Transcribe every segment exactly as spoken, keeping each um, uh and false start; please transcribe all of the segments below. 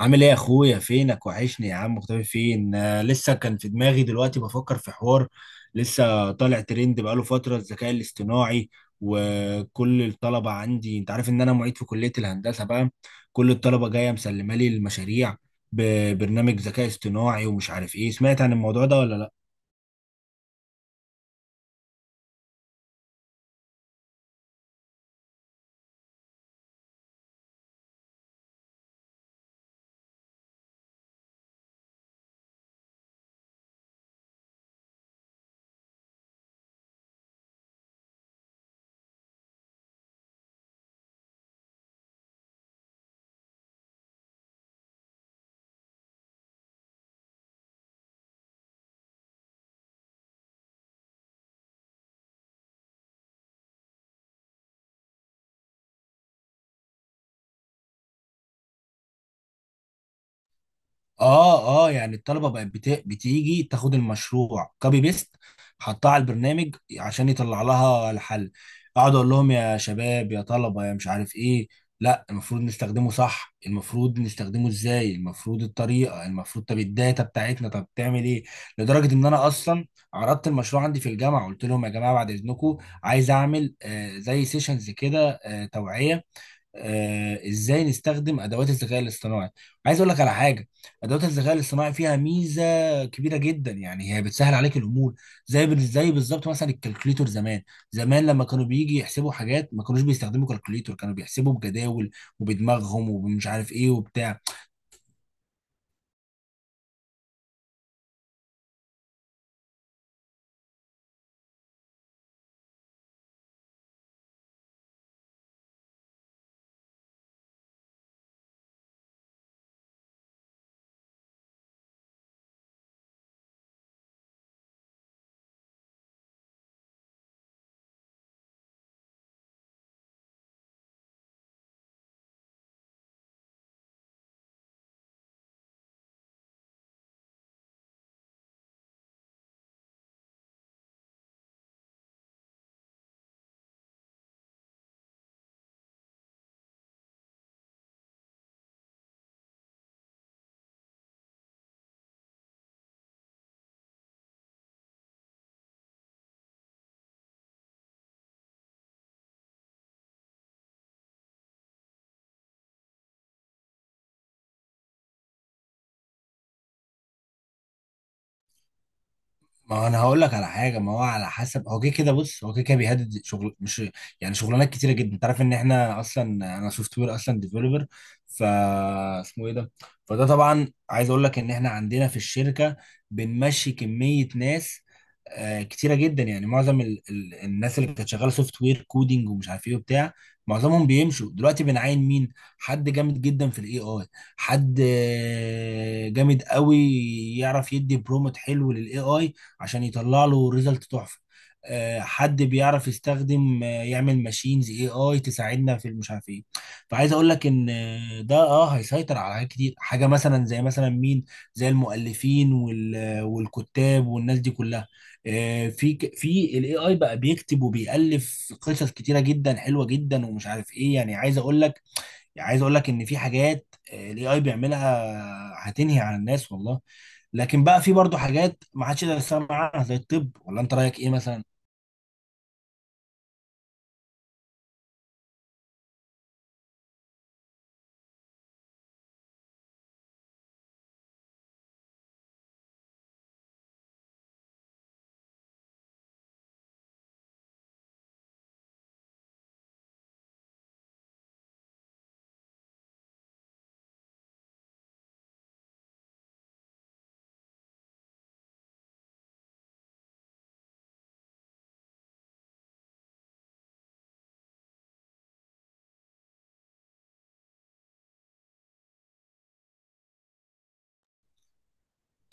عامل ايه يا اخويا؟ فينك وحشني يا عم، مختفي فين؟ آه، لسه كان في دماغي دلوقتي بفكر في حوار. لسه طالع ترند بقاله فترة الذكاء الاصطناعي، وكل الطلبة عندي، انت عارف ان انا معيد في كلية الهندسة بقى. كل الطلبة جاية مسلمة لي المشاريع ببرنامج ذكاء اصطناعي ومش عارف ايه. سمعت عن الموضوع ده ولا لا؟ اه اه، يعني الطلبه بقت بت- بتيجي تاخد المشروع كوبي بيست، حطها على البرنامج عشان يطلع لها الحل. اقعد اقول لهم يا شباب يا طلبه يا مش عارف ايه، لا المفروض نستخدمه صح، المفروض نستخدمه ازاي، المفروض الطريقه المفروض، طب الداتا بتاعتنا طب تعمل ايه؟ لدرجه ان انا اصلا عرضت المشروع عندي في الجامعه، قلت لهم يا جماعه بعد اذنكم عايز اعمل آه زي سيشنز كده، آه توعيه، آه، ازاي نستخدم ادوات الذكاء الاصطناعي. عايز اقول لك على حاجه، ادوات الذكاء الاصطناعي فيها ميزه كبيره جدا، يعني هي بتسهل عليك الامور. زي بال- زي بالظبط مثلا الكالكوليتور زمان. زمان لما كانوا بيجي يحسبوا حاجات ما كانوش بيستخدموا كالكوليتور، كانوا بيحسبوا بجداول وبدماغهم ومش عارف ايه وبتاع. ما هو انا هقول لك على حاجه، ما هو على حسب، هو كده كده، بص هو كده كده بيهدد شغل، مش يعني شغلانات كتيره جدا. انت عارف ان احنا اصلا، انا سوفت وير اصلا ديفلوبر، ف اسمه ايه ده، فده طبعا عايز اقول لك ان احنا عندنا في الشركه بنمشي كميه ناس آه، كتيره جدا. يعني معظم ال... ال... الناس اللي كانت شغاله سوفت وير كودينج ومش عارف ايه وبتاع، معظمهم بيمشوا دلوقتي. بنعين مين؟ حد جامد جدا في الاي اي، حد آه، جامد قوي، يعرف يدي برومت حلو للاي اي عشان يطلع له ريزلت تحفه، آه، حد بيعرف يستخدم آه، يعمل ماشينز اي اي تساعدنا في مش عارف ايه. فعايز اقول لك ان آه، ده اه هيسيطر على حاجات كتير. حاجه مثلا زي مثلا مين؟ زي المؤلفين وال- والكتاب والناس دي كلها. آه، في ك- في الاي اي بقى بيكتب وبيألف قصص كتيره جدا حلوه جدا ومش عارف ايه. يعني عايز اقول لك، يعني عايز اقول لك ان في حاجات الاي اي بيعملها هتنهي عن الناس والله. لكن بقى في برضه حاجات ما حدش يقدر يستغنى عنها زي الطب، ولا انت رايك ايه مثلا؟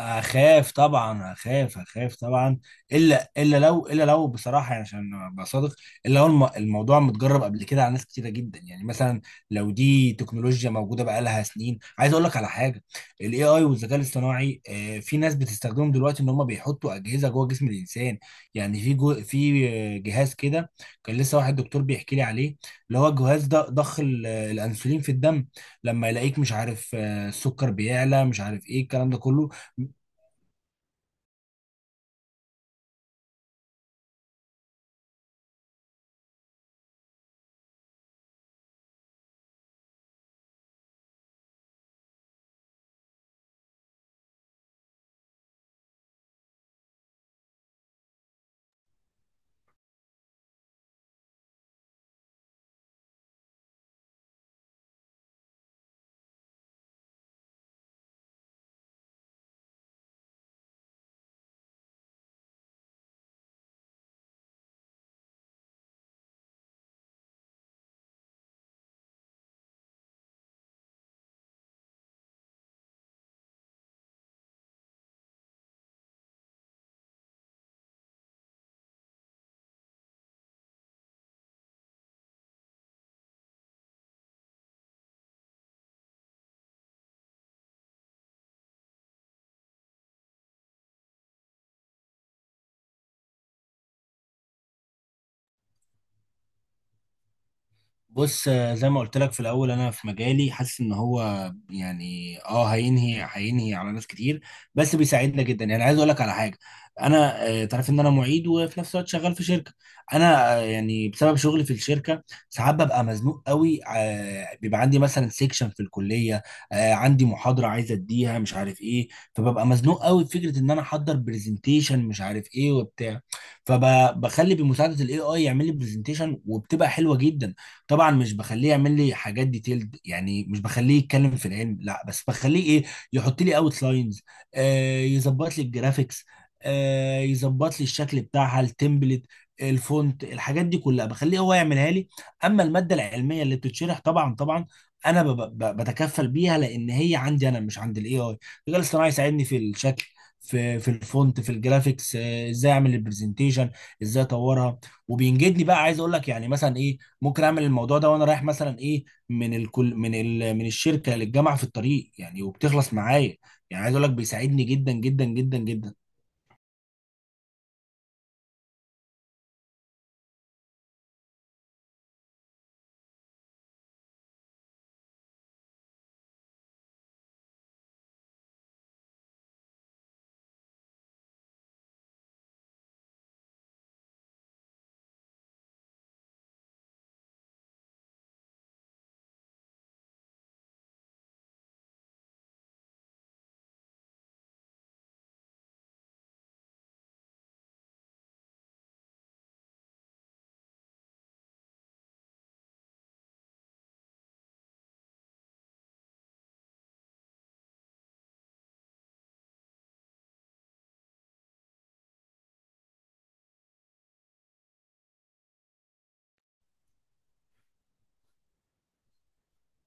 اخاف طبعا، اخاف، اخاف طبعا. الا الا لو، الا لو بصراحه يعني عشان ابقى صادق، الا لو الم- الموضوع متجرب قبل كده على ناس كتيره جدا. يعني مثلا لو دي تكنولوجيا موجوده بقالها سنين. عايز اقول لك على حاجه، الاي اي والذكاء الاصطناعي آه، في ناس بتستخدمهم دلوقتي ان هم بيحطوا اجهزه جوه جسم الانسان. يعني في جو، في آه، جهاز كده، كان لسه واحد دكتور بيحكي لي عليه، اللي هو الجهاز ده ضخ ال- الانسولين في الدم لما يلاقيك مش عارف، آه، السكر بيعلى مش عارف ايه الكلام ده كله. بص، آه، زي ما قلت لك في الاول، انا في مجالي حاسس ان هو يعني اه هينهي، هينهي على ناس كتير، بس بيساعدنا جدا. يعني عايز اقول لك على حاجه، انا آه، تعرف ان انا معيد وفي نفس الوقت شغال في شركه. انا آه، يعني بسبب شغلي في الشركه ساعات ببقى مزنوق قوي، آه، بيبقى عندي مثلا سيكشن في الكليه، آه، عندي محاضره عايز اديها مش عارف ايه. فببقى مزنوق قوي في فكره ان انا احضر برزنتيشن مش عارف ايه وبتاع، فبخلي بمساعده الاي اي يعمل لي برزنتيشن وبتبقى حلوه جدا. طبعا مش بخليه يعمل لي حاجات ديتيلد، يعني مش بخليه يتكلم في العلم لا، بس بخليه ايه، يحط لي اوت لاينز، آه يظبط لي الجرافيكس، آه يظبط لي الشكل بتاعها، التمبلت، الفونت، الحاجات دي كلها بخليه هو يعملها لي. اما الماده العلميه اللي بتتشرح طبعا طبعا انا ب- ب- بتكفل بيها، لان هي عندي انا مش عند الاي اي. الذكاء الاصطناعي يساعدني في الشكل، في في الفونت، في الجرافيكس، آه، ازاي اعمل البرزنتيشن، ازاي اطورها. وبينجدني بقى. عايز اقول لك يعني مثلا ايه، ممكن اعمل الموضوع ده وانا رايح مثلا ايه من الكل، من ال... من الشركه للجامعه في الطريق يعني، وبتخلص معايا. يعني عايز اقول لك بيساعدني جدا جدا جدا جدا.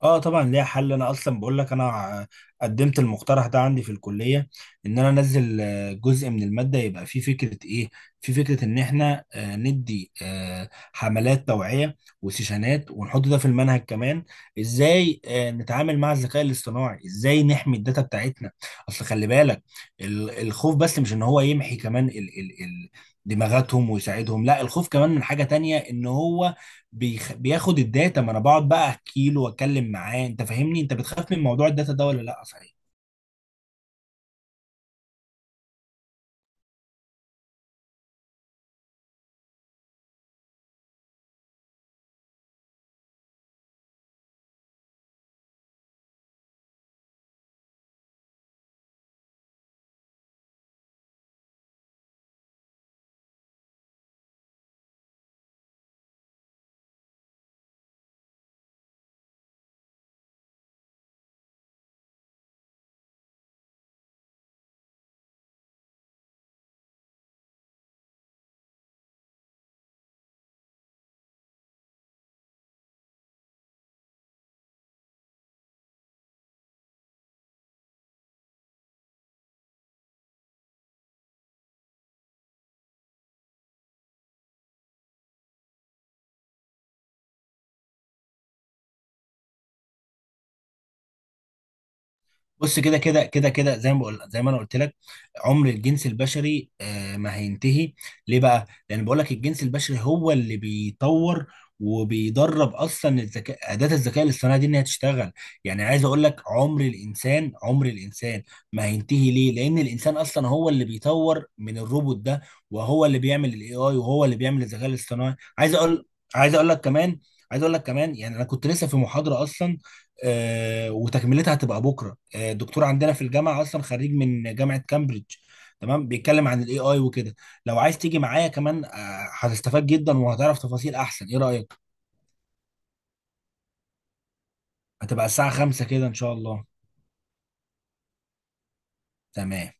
اه طبعا ليها حل، انا اصلا بقول لك، انا ع- قدمت المقترح ده عندي في الكليه، ان انا انزل آه، جزء من الماده يبقى فيه فكره ايه، في فكره ان احنا آه، ندي آه، حملات توعيه وسيشنات، ونحط ده في المنهج كمان. ازاي آه، نتعامل مع الذكاء الاصطناعي، ازاي نحمي الداتا بتاعتنا. اصل خلي بالك، ال- الخوف بس مش ان هو يمحي كمان ال ال ال دماغاتهم ويساعدهم لا، الخوف كمان من حاجه تانية ان هو بيخ... بياخد الداتا. ما انا بقعد بقى احكي له واتكلم معاه. انت فاهمني؟ انت بتخاف من موضوع الداتا ده ولا لا صحيح؟ بص كده كده كده كده، زي ما بقول، زي ما انا قلت لك، عمر الجنس البشري آه، ما هينتهي. ليه بقى؟ لان بقول لك الجنس البشري هو اللي بيطور وبيدرب اصلا الذكاء، اداه الذكاء الاصطناعي دي، انها تشتغل. يعني عايز اقول لك، عمر الانسان عمر الانسان ما هينتهي. ليه؟ لان الانسان اصلا هو اللي بيطور من الروبوت ده، وهو اللي بيعمل الاي اي، وهو اللي بيعمل الذكاء الاصطناعي. عايز اقول، عايز اقول لك كمان، عايز اقول لك كمان يعني انا كنت لسه في محاضره اصلا، آه، وتكملتها هتبقى بكره. آه، دكتور عندنا في الجامعه اصلا خريج من جامعه كامبريدج، تمام، بيتكلم عن الاي اي وكده. لو عايز تيجي معايا كمان، آه، هتستفاد جدا وهتعرف تفاصيل احسن. ايه رايك؟ هتبقى الساعه خمسة كده ان شاء الله. تمام.